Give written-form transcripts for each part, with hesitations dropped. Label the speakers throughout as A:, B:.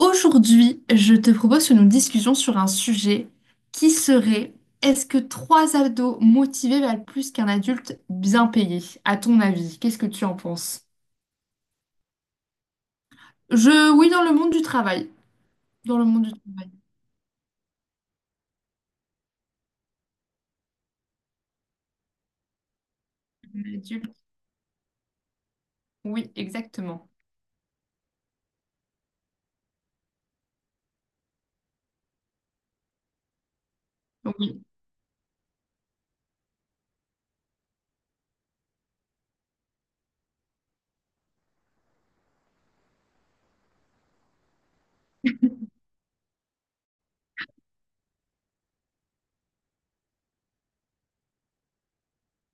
A: Aujourd'hui, je te propose une discussion sur un sujet qui serait est-ce que trois ados motivés valent plus qu'un adulte bien payé, à ton avis? Qu'est-ce que tu en penses? Oui, dans le monde du travail. Dans le monde du travail. Un adulte, oui, exactement. Oui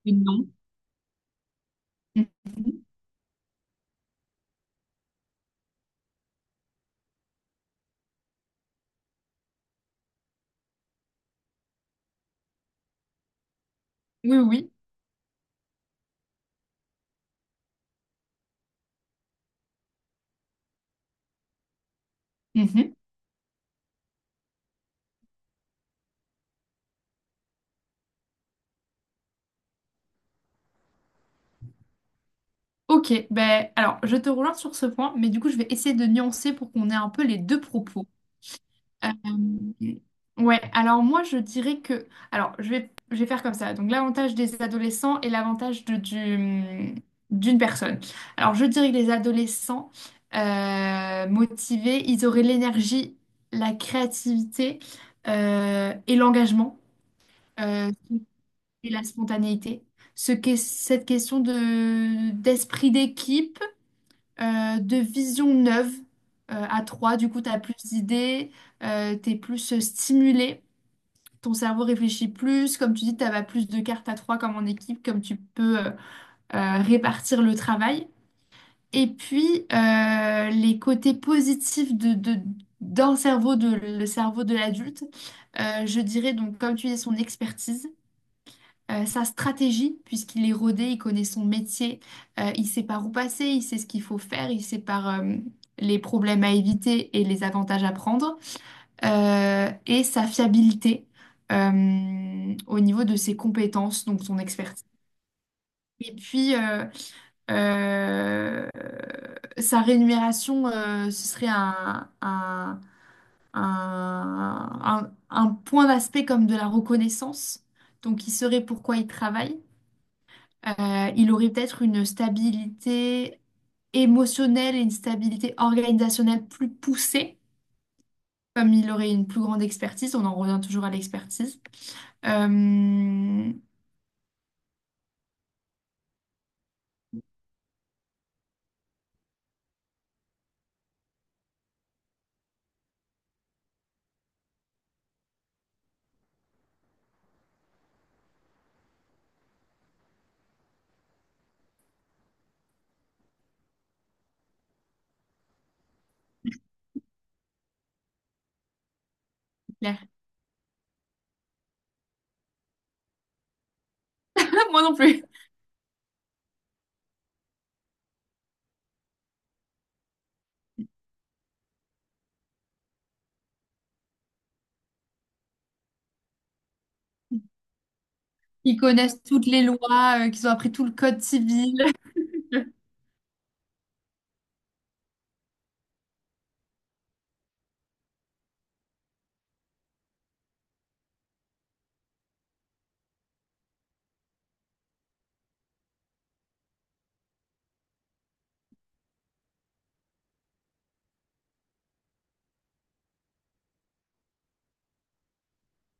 A: et non. Mhm. Oui, oui. Mhm. Ok, ben alors je te rejoins sur ce point, mais du coup je vais essayer de nuancer pour qu'on ait un peu les deux propos. Euh, ouais, alors moi je dirais que. Alors je vais faire comme ça. Donc l'avantage des adolescents et l'avantage d'une personne. Alors je dirais que les adolescents motivés, ils auraient l'énergie, la créativité et l'engagement euh, et la spontanéité. Ce qu'est cette question de, d'esprit d'équipe de vision neuve à trois. Du coup, tu as plus d'idées, tu es plus stimulé, ton cerveau réfléchit plus. Comme tu dis, tu as plus de cartes à trois comme en équipe, comme tu peux répartir le travail. Et puis, les côtés positifs de, d'un cerveau, de, le cerveau de l'adulte, je dirais donc, comme tu dis, son expertise sa stratégie, puisqu'il est rodé, il connaît son métier, il sait par où passer, il sait ce qu'il faut faire, il sait par les problèmes à éviter et les avantages à prendre, et sa fiabilité au niveau de ses compétences, donc son expertise. Et puis, euh, sa rémunération, ce serait un point d'aspect comme de la reconnaissance. Donc, il saurait pourquoi il travaille. Il aurait peut-être une stabilité émotionnelle et une stabilité organisationnelle plus poussée, comme il aurait une plus grande expertise. On en revient toujours à l'expertise. Euh, Claire. Moi non plus. Ils connaissent toutes les lois, qu'ils ont appris tout le code civil.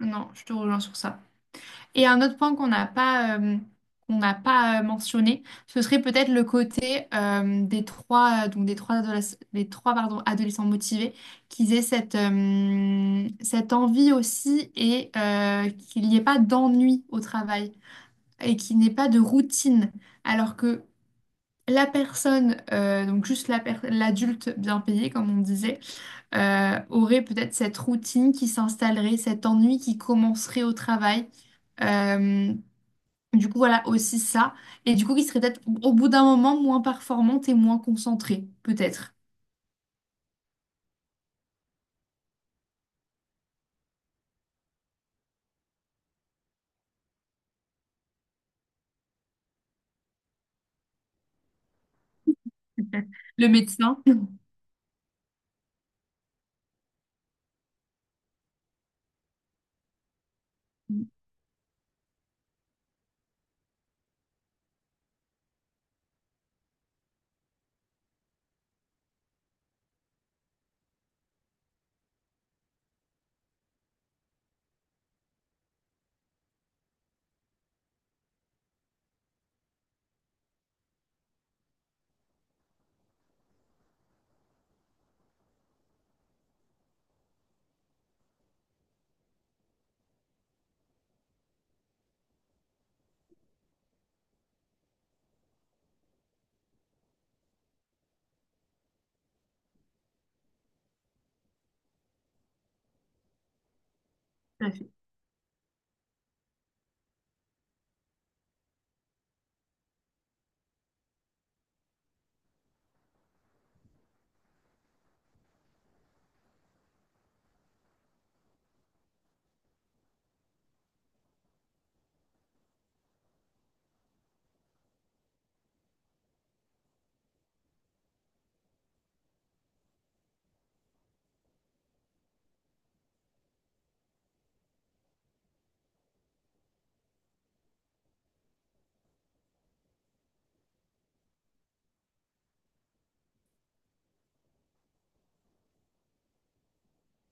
A: Non, je te rejoins sur ça. Et un autre point qu'on n'a pas mentionné, ce serait peut-être le côté des trois, adolescents motivés, qu'ils aient cette, cette envie aussi et qu'il n'y ait pas d'ennui au travail et qu'il n'y ait pas de routine. Alors que la personne, donc l'adulte bien payé, comme on disait, aurait peut-être cette routine qui s'installerait, cet ennui qui commencerait au travail. Euh, du coup, voilà aussi ça. Et du coup, qui serait peut-être au bout d'un moment moins performante et moins concentrée, peut-être. Le médecin. Mm, tout à fait.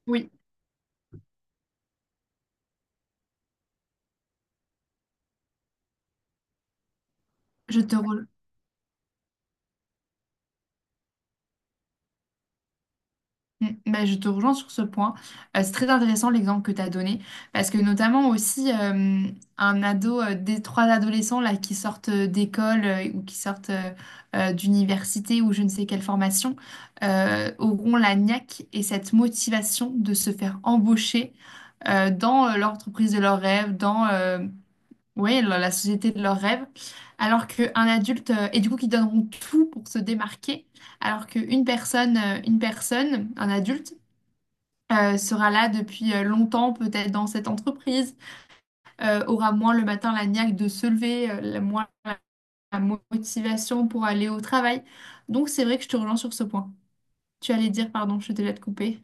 A: Oui, je te, re- Mm, bah, je te rejoins sur ce point. C'est très intéressant l'exemple que tu as donné, parce que notamment aussi un ado, des trois adolescents là, qui sortent d'école ou qui sortent d'université ou je ne sais quelle formation, auront la niaque et cette motivation de se faire embaucher dans l'entreprise de leurs rêves, dans ouais, la la société de leurs rêves, alors qu'un adulte, et du coup qui donneront tout pour se démarquer, alors qu'une personne, un adulte, sera là depuis longtemps, peut-être dans cette entreprise, aura moins le matin la niaque de se lever, moins la la motivation pour aller au travail. Donc c'est vrai que je te relance sur ce point. Tu allais dire, pardon, je te laisse te couper.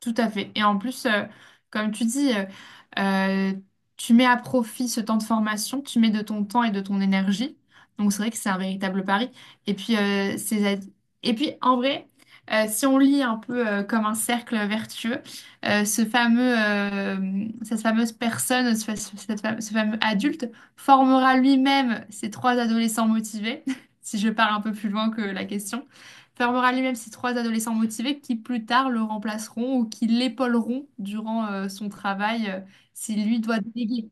A: Tout à fait. Et en plus, comme tu dis, euh, tu mets à profit ce temps de formation, tu mets de ton temps et de ton énergie. Donc c'est vrai que c'est un véritable pari. Et puis, et puis en vrai, si on lit un peu comme un cercle vertueux, ce fameux, cette fameuse personne, ce fameux adulte formera lui-même ses trois adolescents motivés, si je pars un peu plus loin que la question fermera les mêmes ces trois adolescents motivés qui plus tard le remplaceront ou qui l'épauleront durant son travail si lui doit déléguer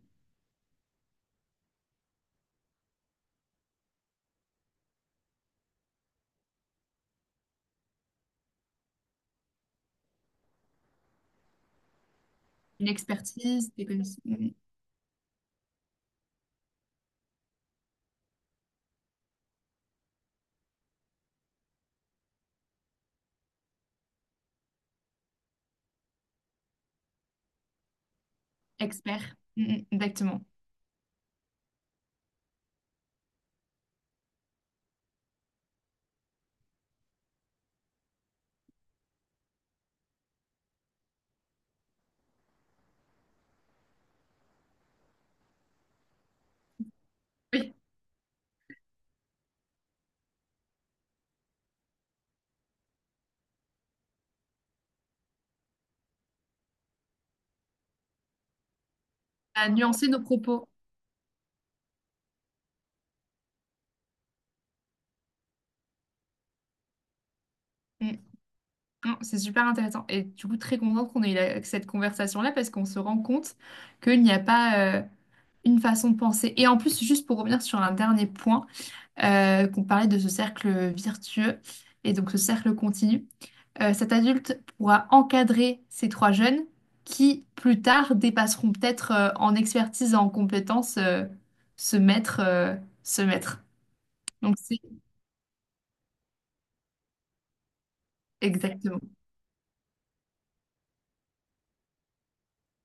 A: une expertise, des connaissances, Mm, mm, expert. Mm, mm, exactement. Oui, à nuancer nos propos. Mm. Non, c'est super intéressant. Et du coup, très contente qu'on ait eu cette conversation-là parce qu'on se rend compte qu'il n'y a pas une façon de penser. Et en plus, juste pour revenir sur un dernier point, qu'on parlait de ce cercle vertueux et donc ce cercle continu. Cet adulte pourra encadrer ces trois jeunes qui, plus tard, dépasseront peut-être en expertise et en compétences ce maître, euh, ce maître. Donc, c'est exactement.